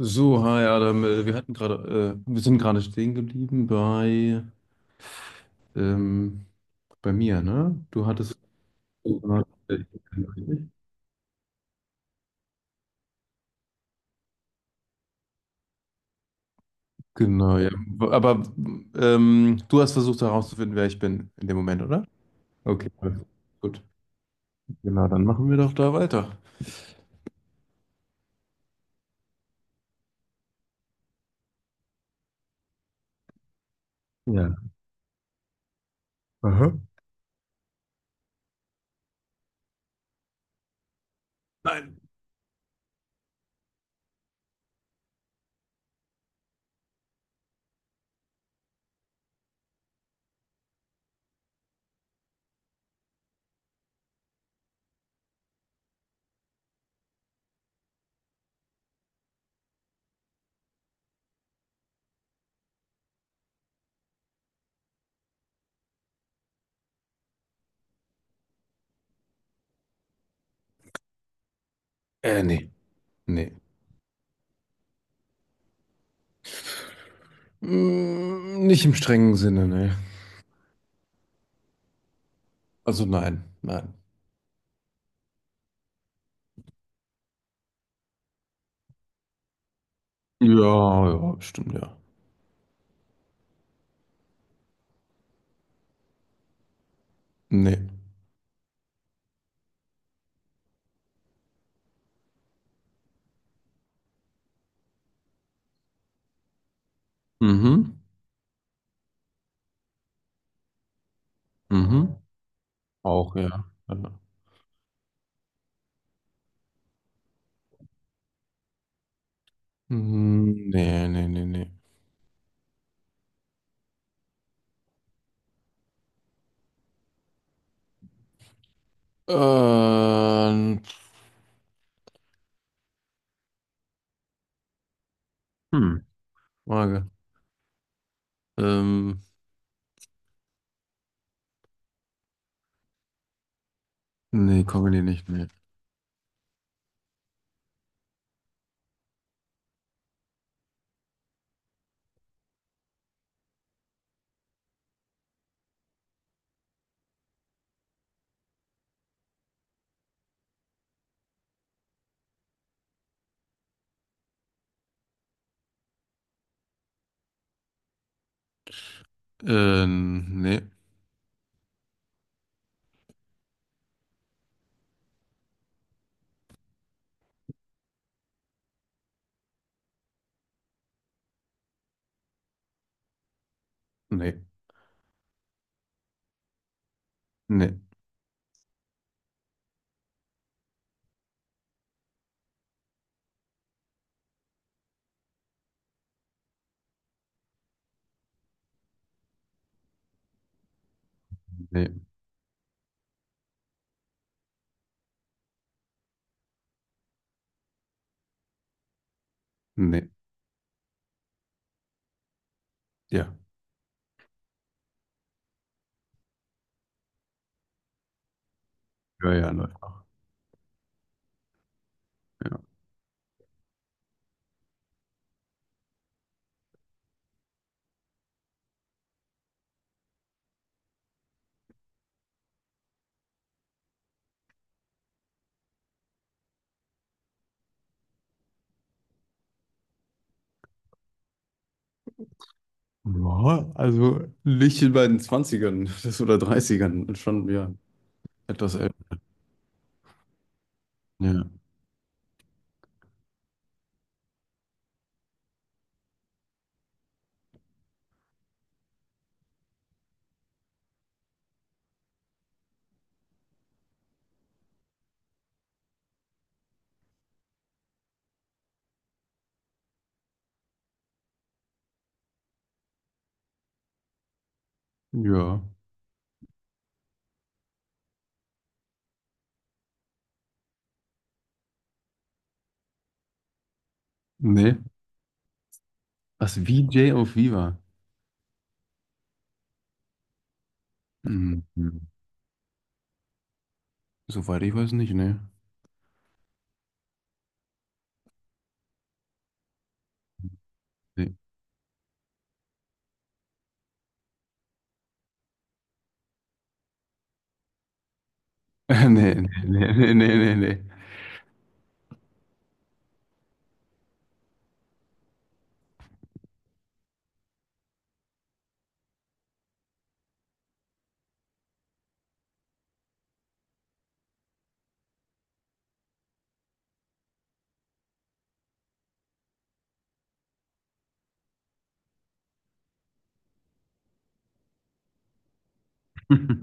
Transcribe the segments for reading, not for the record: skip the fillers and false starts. So, hi Adam, wir hatten gerade, wir sind gerade stehen geblieben bei, ähm, bei mir, ne? Du hattest, genau, ja. Aber du hast versucht herauszufinden, wer ich bin in dem Moment, oder? Okay, alles gut. Genau, dann machen wir doch da weiter. Ja. Aha. Nein. Nee, nee. Mm, nicht im strengen Sinne, ne? Also nein, nein. Ja, ja, stimmt, ja. Nee. Mhm, mhm. Auch, ja. Ja. Nee, nee, nee, nee. Ähm, hm, Frage. Ähm, nee, Comedy nicht, nee. Nee, nee, nee, nee, nee. Ja, ja, ja, nein. Ja. Ja, also nicht in meinen Zwanzigern das oder Dreißigern schon, ja, etwas älter. Ja, ja. Nee. Was, VJ auf Viva? Hm, hm. Soweit ich weiß nicht, nee. Nee, nee, nee, nee, nee, nee, nee. Nee,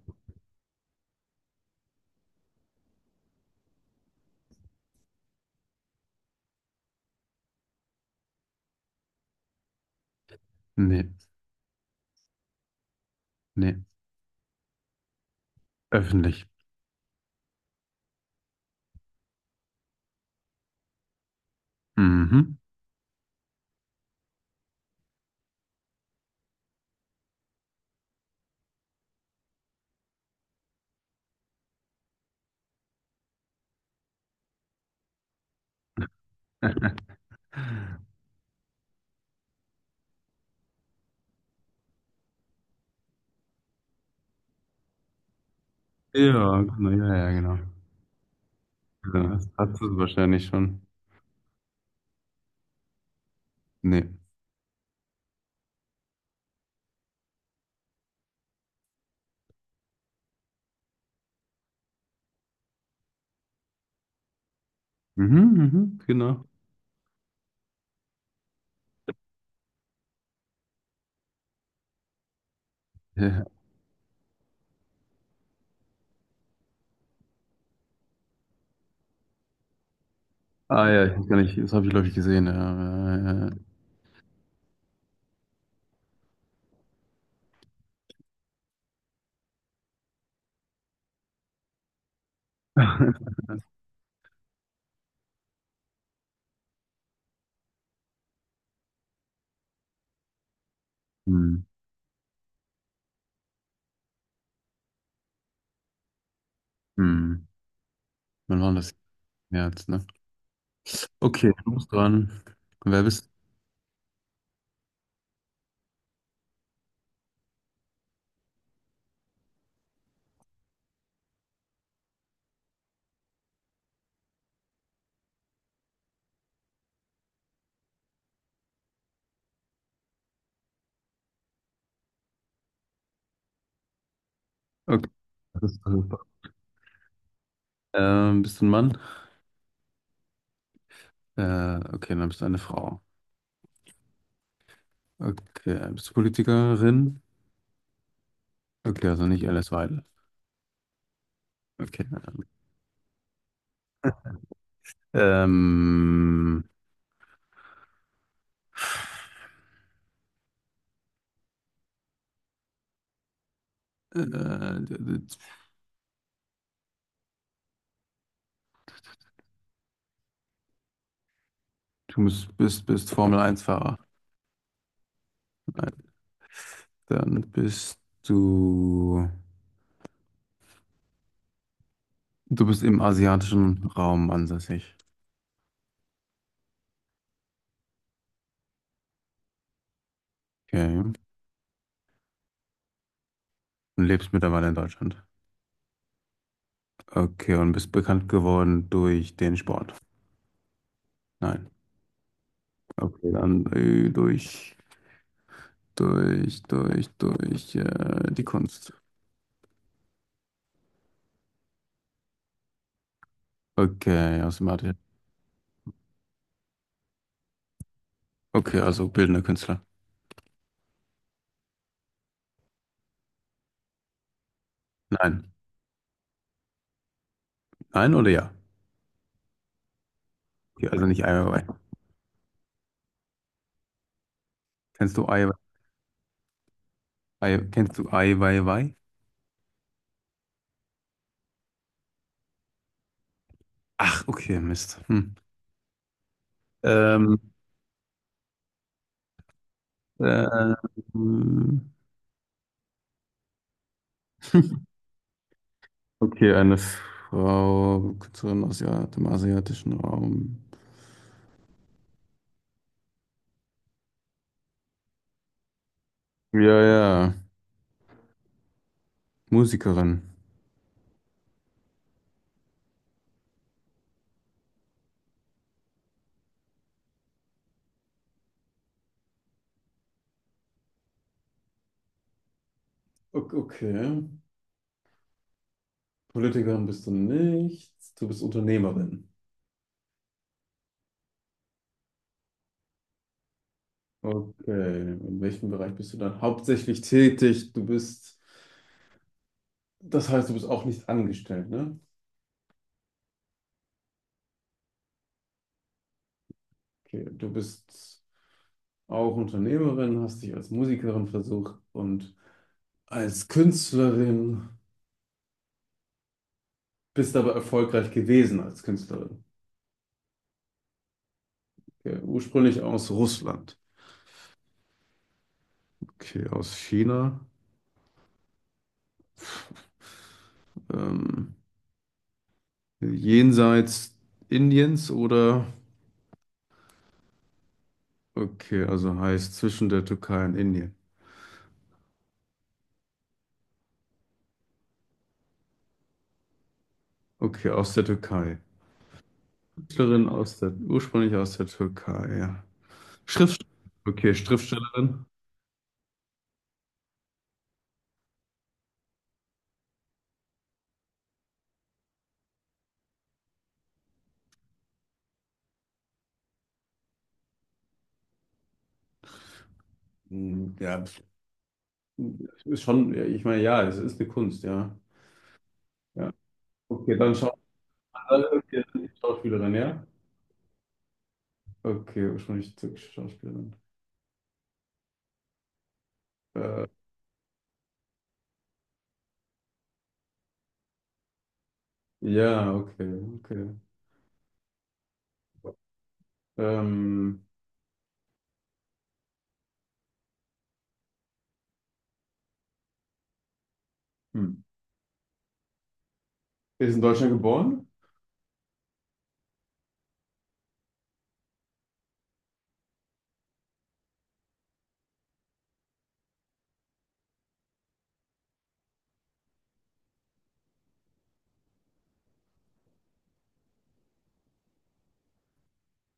nee. Nee. Öffentlich. Mhm. Ja, genau, ja, ja, genau. Ja, das hast du wahrscheinlich schon. Nee. Mhm, mhm, genau. Ja. Ah ja, ich weiß gar nicht, das habe ich, glaube ich, gesehen. Hm, hm. Wann war das jetzt, ne? Okay, du bist dran. Wer bist du? Okay. Das ist super. Bist du ein Mann? Okay, dann bist du eine Frau. Okay, bist du Politikerin? Okay, also nicht Alice Weidel. Okay. Ähm, du bist formel Eins fahrer. Nein, dann bist du. Du bist im asiatischen Raum ansässig. Okay. Und lebst mittlerweile in Deutschland. Okay, und bist bekannt geworden durch den Sport. Nein. Okay, dann durch die Kunst. Okay, aus dem Atelier. Okay, also bildender Künstler. Nein. Nein oder ja? Okay, also nicht Ai Weiwei. Kennst du Ai, Ai, kennst du Ai Weiwei? Ach, okay, Mist. Hm. Ähm, ähm, okay, eine Frau, Künstlerin aus ja- dem asiatischen Raum. Ja, ja, Musikerin. Ok- Okay. Politikerin bist du nicht. Du bist Unternehmerin. Okay. In welchem Bereich bist du dann hauptsächlich tätig? Das heißt, du bist auch nicht angestellt, ne? Okay. Du bist auch Unternehmerin, hast dich als Musikerin versucht und als Künstlerin. Bist aber erfolgreich gewesen als Künstlerin. Okay. Ursprünglich aus Russland. Okay, aus China. Ähm, jenseits Indiens oder? Okay, also heißt zwischen der Türkei und Indien. Okay, aus der Türkei. Künstlerin aus der, ursprünglich aus der Türkei, ja. Schrift, okay, Schriftstellerin. Ja, ist schon, ja, ich meine, ja, es ist eine Kunst, ja. Ja. Okay, okay, dann die Schauspielerin, ja? Okay, ursprünglich türkische Schauspielerin. Äh, Ja, okay, okay. Ähm, hm. Ist in Deutschland geboren?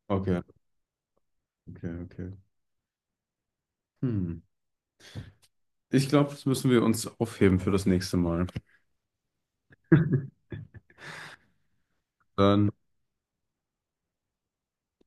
Okay, okay, okay. Hm. Ich glaube, das müssen wir uns aufheben für das nächste Mal. Dann.